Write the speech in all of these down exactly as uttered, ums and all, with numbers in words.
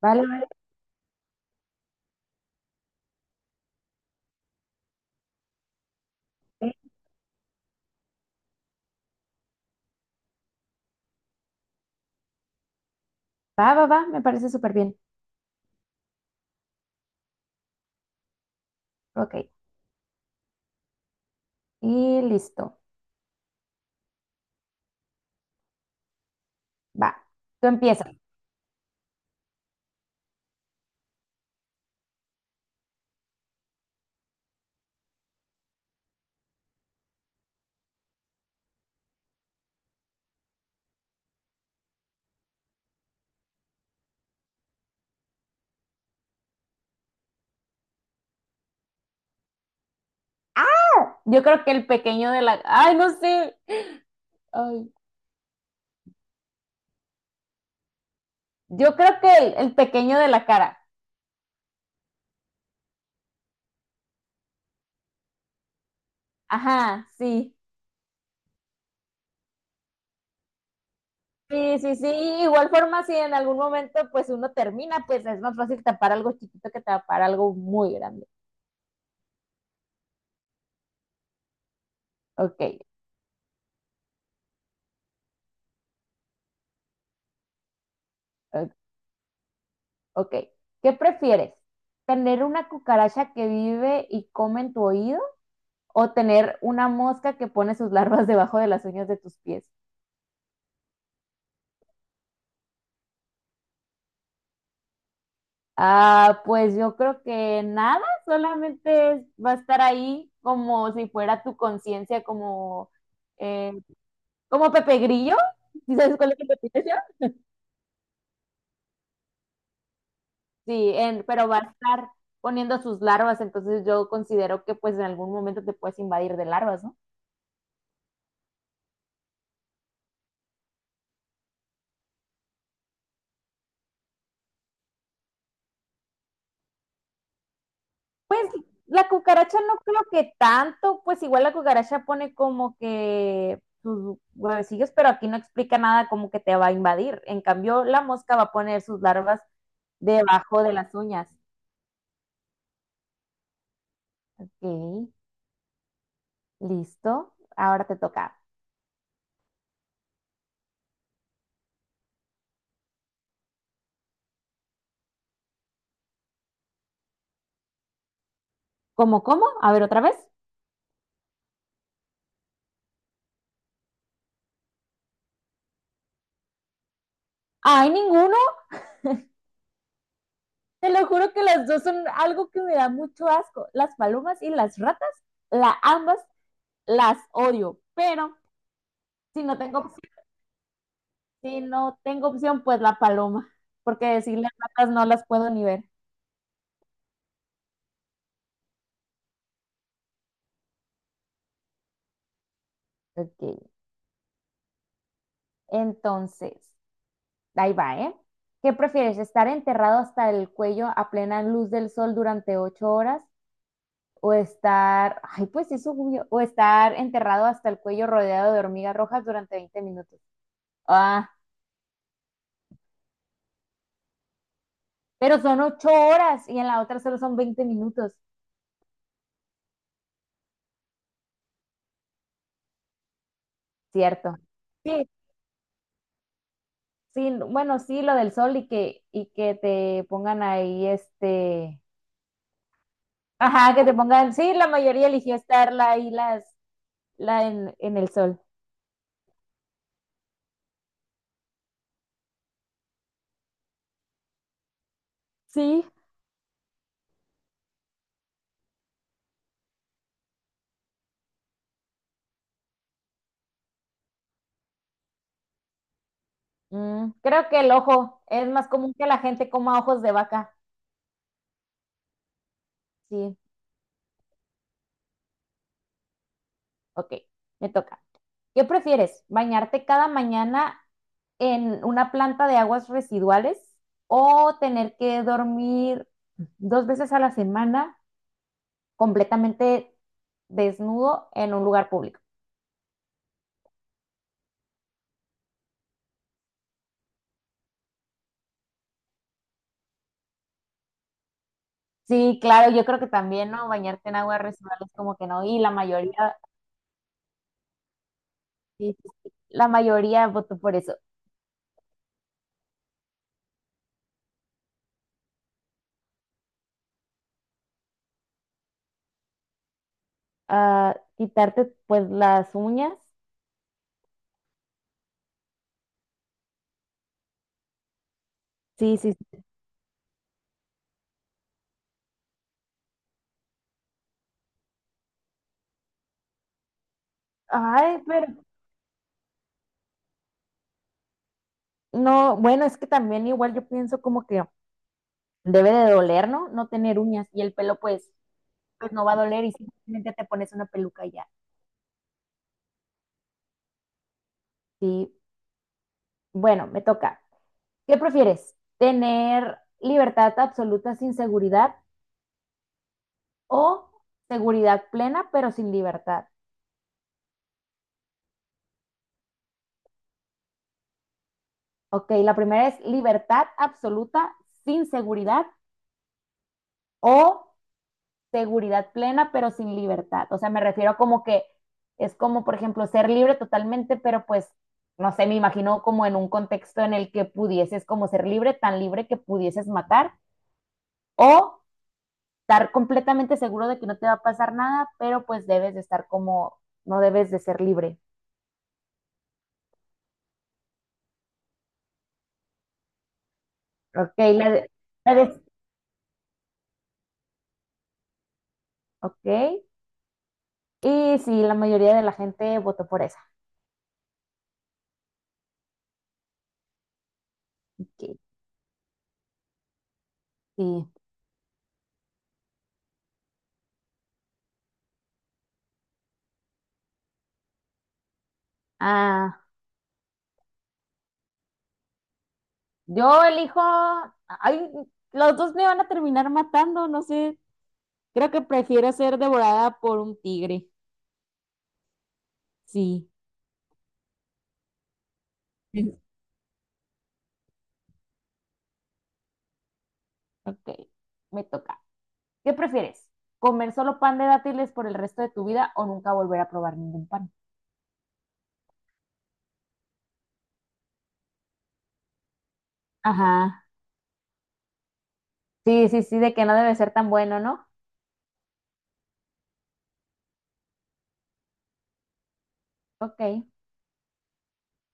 Vale, vale. Sí. Va, va, va, me parece súper bien. Ok, y listo. Va, tú empiezas. Ah, yo creo que el pequeño de la, ay, no sé. Ay. Yo creo que el, el pequeño de la cara. Ajá, sí. Sí, sí, sí. Igual forma, si en algún momento pues uno termina, pues es más fácil tapar algo chiquito que tapar algo muy grande. Ok, o- ok. ¿Qué prefieres, tener una cucaracha que vive y come en tu oído o tener una mosca que pone sus larvas debajo de las uñas de tus pies? Ah, pues yo creo que nada, solamente es- va a estar ahí como si fuera tu conciencia, como, eh, como Pepe Grillo. ¿Sí sabes cuál es Pepe Grillo? Sí, en- pero va a estar poniendo sus larvas, entonces yo considero que pues en algún momento te puedes invadir de larvas, ¿no? Pues la cucaracha no creo que tanto, pues igual la cucaracha pone como que sus huevecillos, pero aquí no explica nada como que te va a invadir. En cambio, la mosca va a poner sus larvas debajo de las uñas. Ok, listo. Ahora te toca. ¿Cómo, cómo? A ver, otra vez. ¡Ay, ninguno! Te lo juro que las dos son algo que me da mucho asco. Las palomas y las ratas, la, ambas las odio. Pero si no tengo Si no tengo opción, pues la paloma, porque decirle ratas no las puedo ni ver. Ok, entonces, ahí va, ¿eh? ¿Qué prefieres, estar enterrado hasta el cuello a plena luz del sol durante ocho horas o estar, ay, pues eso, obvio, o estar enterrado hasta el cuello rodeado de hormigas rojas durante veinte minutos? Ah, pero son ocho horas y en la otra solo son veinte minutos, ¿cierto? Sí, sí, bueno, sí, lo del sol y que, y que te pongan ahí, este. Ajá, que te pongan, sí, la mayoría eligió estarla ahí las, la en, en el sol. Sí. Mm, creo que el ojo es más común que la gente coma ojos de vaca. Sí, ok, me toca. ¿Qué prefieres? ¿Bañarte cada mañana en una planta de aguas residuales o tener que dormir dos veces a la semana completamente desnudo en un lugar público? Sí, claro, yo creo que también, ¿no? Bañarte en aguas residuales como que no, y la mayoría. Sí, sí, sí. La mayoría votó por eso. Ah, quitarte pues las uñas. Sí, sí, sí. Ay, pero no, bueno, es que también igual yo pienso como que debe de doler, ¿no? No tener uñas, y el pelo pues, pues no va a doler y simplemente te pones una peluca y ya. Sí, bueno, me toca. ¿Qué prefieres? ¿Tener libertad absoluta sin seguridad o seguridad plena pero sin libertad? Ok, la primera es libertad absoluta sin seguridad o seguridad plena, pero sin libertad. O sea, me refiero como que es como, por ejemplo, ser libre totalmente, pero pues, no sé, me imagino como en un contexto en el que pudieses como ser libre, tan libre que pudieses matar o estar completamente seguro de que no te va a pasar nada, pero pues debes de estar como, no debes de ser libre. Ok, la de- la de- ok. Y sí, la mayoría de la gente votó por esa. Ok, sí. Ah. Yo elijo, ay, los dos me van a terminar matando, no sé. Creo que prefiero ser devorada por un tigre. Sí, sí, ok, me toca. ¿Qué prefieres? ¿Comer solo pan de dátiles por el resto de tu vida o nunca volver a probar ningún pan? Ajá. Sí, sí, sí, de que no debe ser tan bueno, ¿no? Ok.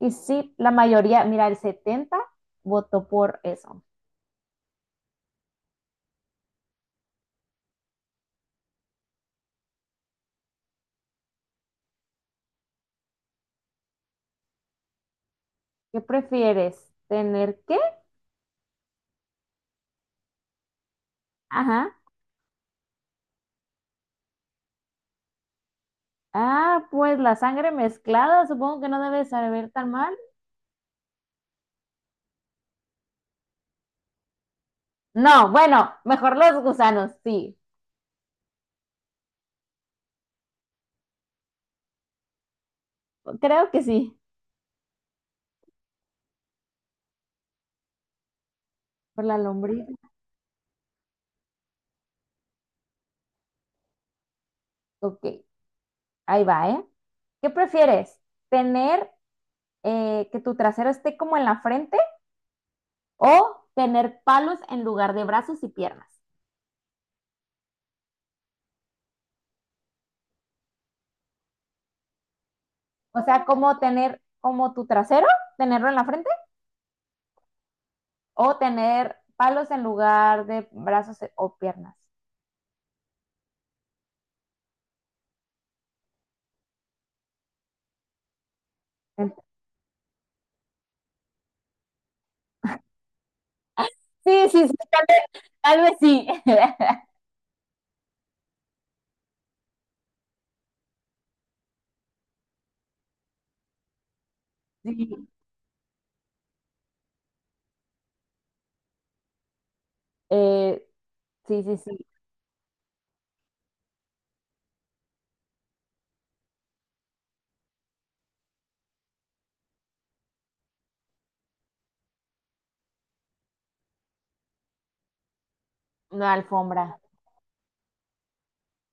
Y sí, la mayoría, mira, el setenta votó por eso. ¿Qué prefieres? ¿Tener qué? Ajá. Ah, pues la sangre mezclada, supongo que no debe saber tan mal. No, bueno, mejor los gusanos, sí. Creo que sí. Por la lombriz. Ok, ahí va, ¿eh? ¿Qué prefieres? ¿Tener, eh, que tu trasero esté como en la frente o tener palos en lugar de brazos y piernas? O sea, como tener como tu trasero, tenerlo en la frente o tener palos en lugar de brazos e- o piernas. Sí, sí, sí, tal vez, tal vez sí. Sí. Eh, sí, sí, sí, una alfombra.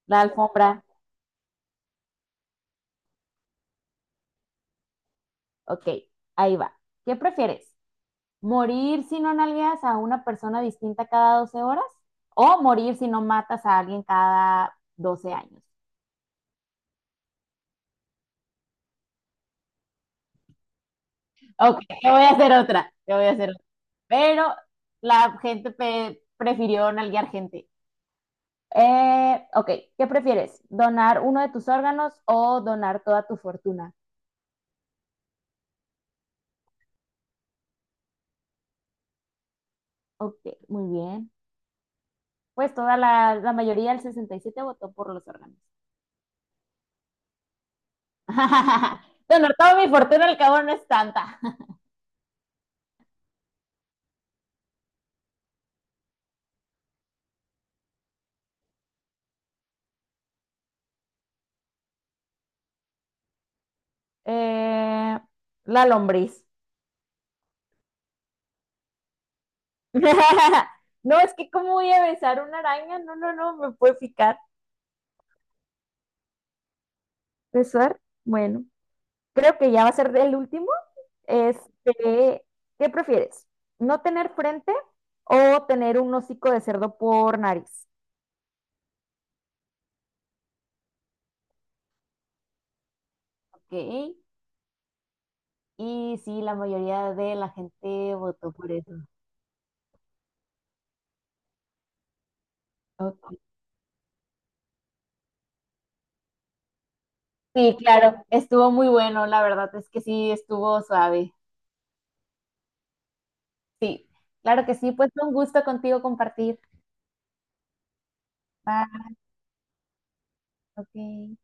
La alfombra, ok, ahí va. ¿Qué prefieres? ¿Morir si no nalgueas a una persona distinta cada doce horas, o morir si no matas a alguien cada doce años? Ok, te voy a hacer otra, te voy a hacer otra. Pero la gente pe- prefirió nalguear gente. Eh, ok, ¿qué prefieres? ¿Donar uno de tus órganos o donar toda tu fortuna? Ok, muy bien. Pues toda la, la mayoría, el sesenta y siete votó por los órganos. Bueno, toda mi fortuna al cabo no es tanta. Eh, la lombriz. No, es que cómo voy a besar una araña, no, no, no, me puede picar. ¿Besar? Bueno, creo que ya va a ser el último. Este, ¿Qué prefieres? ¿No tener frente o tener un hocico de cerdo por nariz? Ok, y sí, la mayoría de la gente votó por eso. Ok. Sí, claro, estuvo muy bueno, la verdad es que sí, estuvo suave. Sí, claro que sí, pues fue un gusto contigo compartir. Bye, ok.